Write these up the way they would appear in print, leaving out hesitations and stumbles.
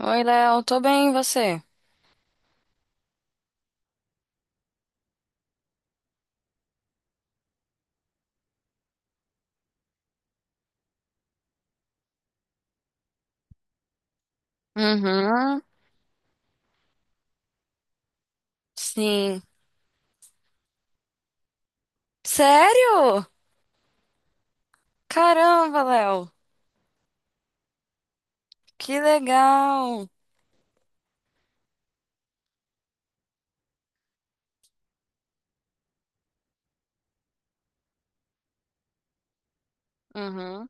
Oi, Léo, tô bem, e você? Uhum, sim. Sério? Caramba, Léo, que legal. Uhum.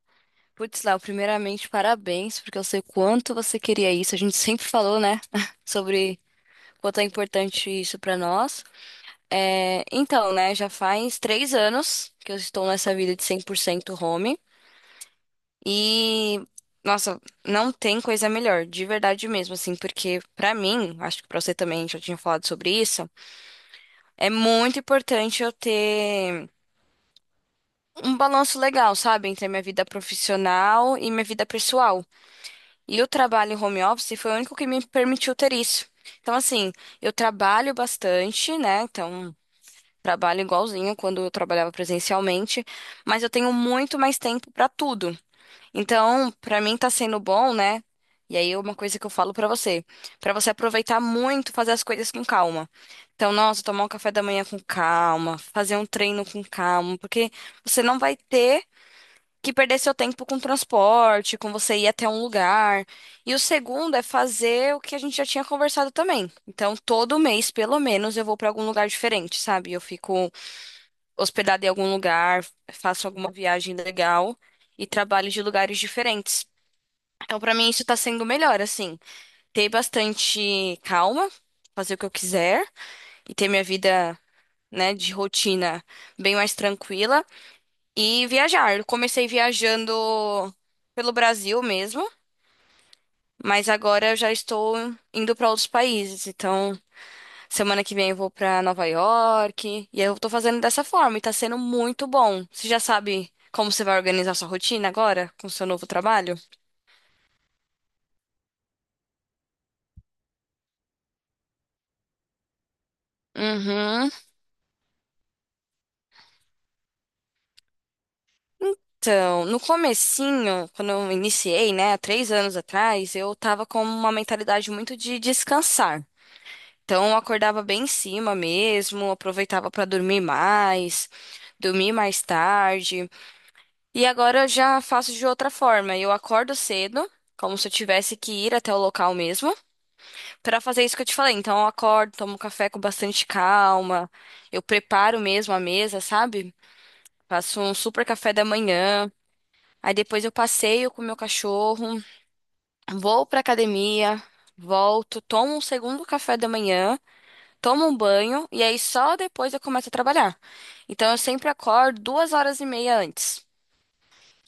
Putz, Léo, primeiramente, parabéns, porque eu sei quanto você queria isso. A gente sempre falou, né, sobre quanto é importante isso pra nós. É, então, né, já faz 3 anos que eu estou nessa vida de 100% home e, nossa, não tem coisa melhor, de verdade mesmo, assim, porque pra mim, acho que pra você também já tinha falado sobre isso. É muito importante eu ter um balanço legal, sabe, entre a minha vida profissional e minha vida pessoal. E o trabalho em home office foi o único que me permitiu ter isso. Então, assim, eu trabalho bastante, né? Então, trabalho igualzinho quando eu trabalhava presencialmente, mas eu tenho muito mais tempo para tudo. Então, pra mim tá sendo bom, né? E aí, uma coisa que eu falo pra você, pra você aproveitar muito, fazer as coisas com calma. Então, nossa, tomar um café da manhã com calma, fazer um treino com calma, porque você não vai ter que perder seu tempo com transporte, com você ir até um lugar. E o segundo é fazer o que a gente já tinha conversado também. Então, todo mês, pelo menos, eu vou pra algum lugar diferente, sabe? Eu fico hospedada em algum lugar, faço alguma viagem legal e trabalho de lugares diferentes. Então, pra mim, isso tá sendo melhor, assim. Ter bastante calma, fazer o que eu quiser e ter minha vida, né, de rotina bem mais tranquila e viajar. Eu comecei viajando pelo Brasil mesmo, mas agora eu já estou indo pra outros países. Então, semana que vem eu vou pra Nova York e eu tô fazendo dessa forma e tá sendo muito bom. Você já sabe como você vai organizar sua rotina agora com o seu novo trabalho? Uhum. Então, no comecinho, quando eu iniciei, né, há 3 anos atrás, eu tava com uma mentalidade muito de descansar. Então, eu acordava bem em cima mesmo, aproveitava para dormir mais tarde. E agora eu já faço de outra forma. Eu acordo cedo, como se eu tivesse que ir até o local mesmo, para fazer isso que eu te falei. Então, eu acordo, tomo café com bastante calma, eu preparo mesmo a mesa, sabe? Faço um super café da manhã. Aí depois eu passeio com o meu cachorro, vou pra academia, volto, tomo um segundo café da manhã, tomo um banho e aí só depois eu começo a trabalhar. Então eu sempre acordo 2 horas e meia antes.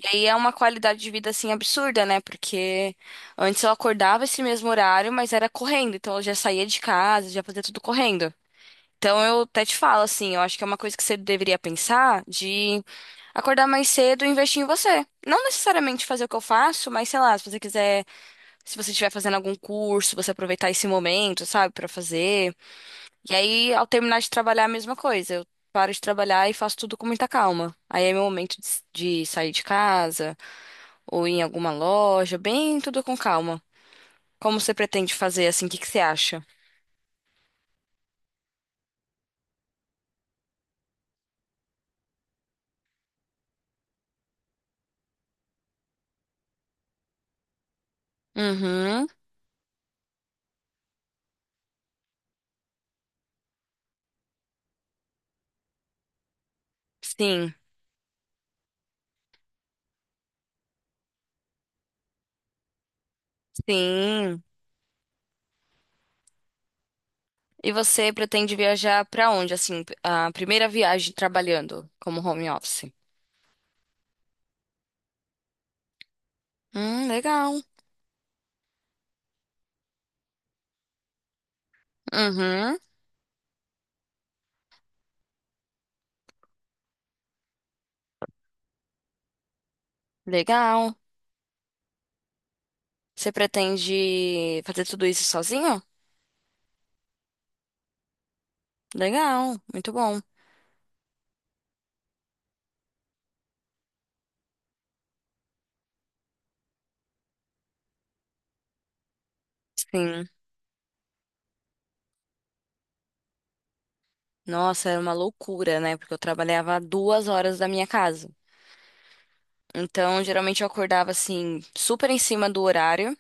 E aí é uma qualidade de vida assim absurda, né? Porque antes eu acordava esse mesmo horário, mas era correndo, então eu já saía de casa, já fazia tudo correndo. Então eu até te falo assim, eu acho que é uma coisa que você deveria pensar de acordar mais cedo e investir em você. Não necessariamente fazer o que eu faço, mas sei lá, se você quiser, se você estiver fazendo algum curso, você aproveitar esse momento, sabe, pra fazer. E aí, ao terminar de trabalhar, a mesma coisa. Eu paro de trabalhar e faço tudo com muita calma. Aí é meu momento de sair de casa ou ir em alguma loja, bem tudo com calma. Como você pretende fazer assim? O que que você acha? Uhum. Sim. Sim. E você pretende viajar pra onde, assim, a primeira viagem trabalhando como home office? Legal. Uhum, legal. Você pretende fazer tudo isso sozinho? Legal, muito bom. Sim. Nossa, era uma loucura, né? Porque eu trabalhava a 2 horas da minha casa. Então, geralmente eu acordava, assim, super em cima do horário,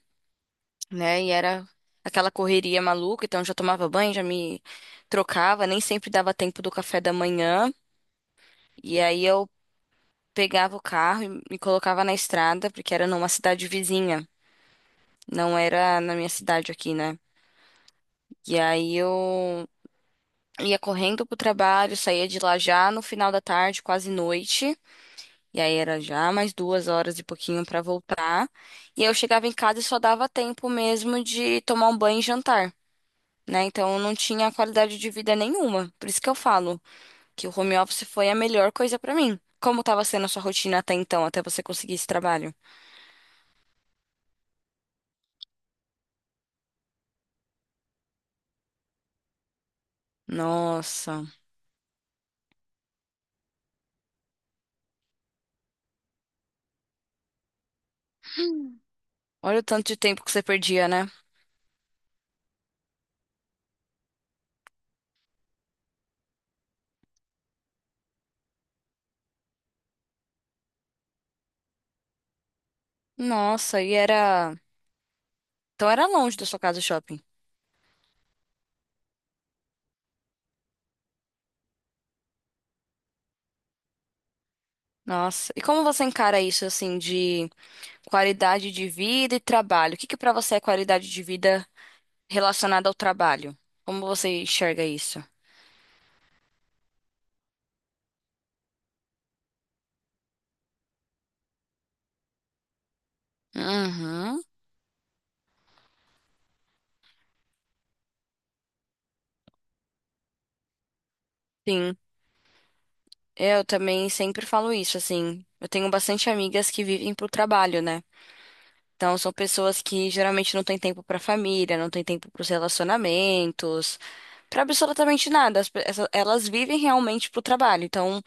né? E era aquela correria maluca. Então, eu já tomava banho, já me trocava, nem sempre dava tempo do café da manhã. E aí eu pegava o carro e me colocava na estrada, porque era numa cidade vizinha, não era na minha cidade aqui, né? E aí eu ia correndo pro trabalho, saía de lá já no final da tarde, quase noite. E aí era já mais 2 horas e pouquinho pra voltar. E aí eu chegava em casa e só dava tempo mesmo de tomar um banho e jantar, né? Então eu não tinha qualidade de vida nenhuma. Por isso que eu falo que o home office foi a melhor coisa pra mim. Como tava sendo a sua rotina até então, até você conseguir esse trabalho? Nossa. Olha o tanto de tempo que você perdia, né? Nossa, e era. Então era longe da sua casa o shopping. Nossa, e como você encara isso, assim, de qualidade de vida e trabalho? O que que pra você é qualidade de vida relacionada ao trabalho? Como você enxerga isso? Uhum, sim. Eu também sempre falo isso, assim. Eu tenho bastante amigas que vivem pro trabalho, né? Então, são pessoas que geralmente não têm tempo para a família, não têm tempo para os relacionamentos, para absolutamente nada. Elas vivem realmente pro trabalho. Então,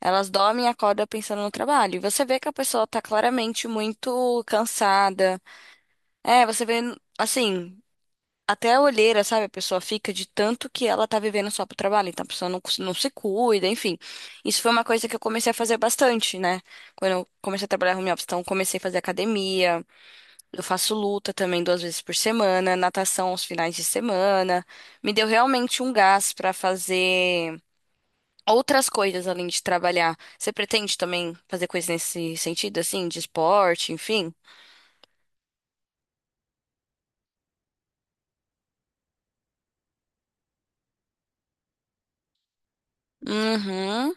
elas dormem e acordam pensando no trabalho. E você vê que a pessoa tá claramente muito cansada. É, você vê, assim, até a olheira, sabe? A pessoa fica de tanto que ela tá vivendo só pro trabalho. Então, a pessoa não se cuida, enfim. Isso foi uma coisa que eu comecei a fazer bastante, né? Quando eu comecei a trabalhar home office. Então, eu comecei a fazer academia. Eu faço luta também 2 vezes por semana, natação aos finais de semana. Me deu realmente um gás para fazer outras coisas além de trabalhar. Você pretende também fazer coisas nesse sentido, assim, de esporte, enfim? Uhum,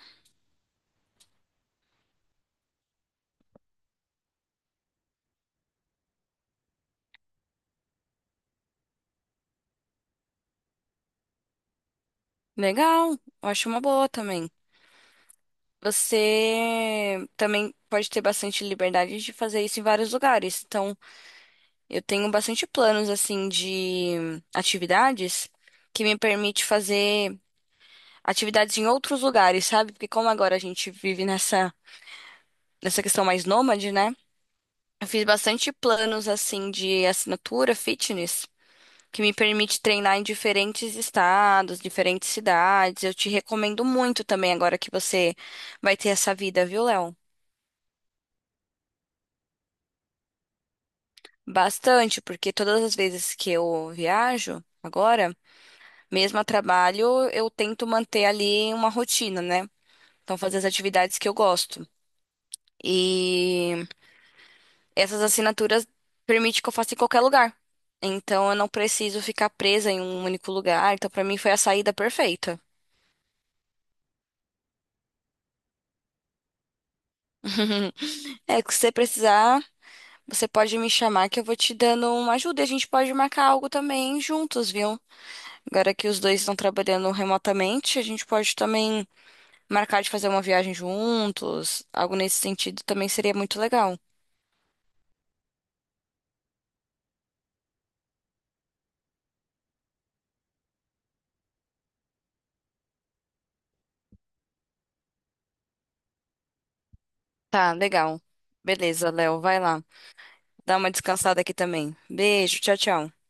legal. Eu acho uma boa também. Você também pode ter bastante liberdade de fazer isso em vários lugares. Então, eu tenho bastante planos, assim, de atividades que me permite fazer. Atividades em outros lugares, sabe? Porque como agora a gente vive nessa questão mais nômade, né? Eu fiz bastante planos assim de assinatura fitness que me permite treinar em diferentes estados, diferentes cidades. Eu te recomendo muito também agora que você vai ter essa vida, viu, Léo? Bastante, porque todas as vezes que eu viajo agora, mesmo a trabalho, eu tento manter ali uma rotina, né? Então, fazer as atividades que eu gosto. E essas assinaturas permitem que eu faça em qualquer lugar. Então eu não preciso ficar presa em um único lugar. Então pra mim foi a saída perfeita. É, que se você precisar, você pode me chamar que eu vou te dando uma ajuda e a gente pode marcar algo também juntos, viu? Agora que os dois estão trabalhando remotamente, a gente pode também marcar de fazer uma viagem juntos. Algo nesse sentido também seria muito legal. Tá, legal. Beleza, Léo, vai lá. Dá uma descansada aqui também. Beijo, tchau, tchau.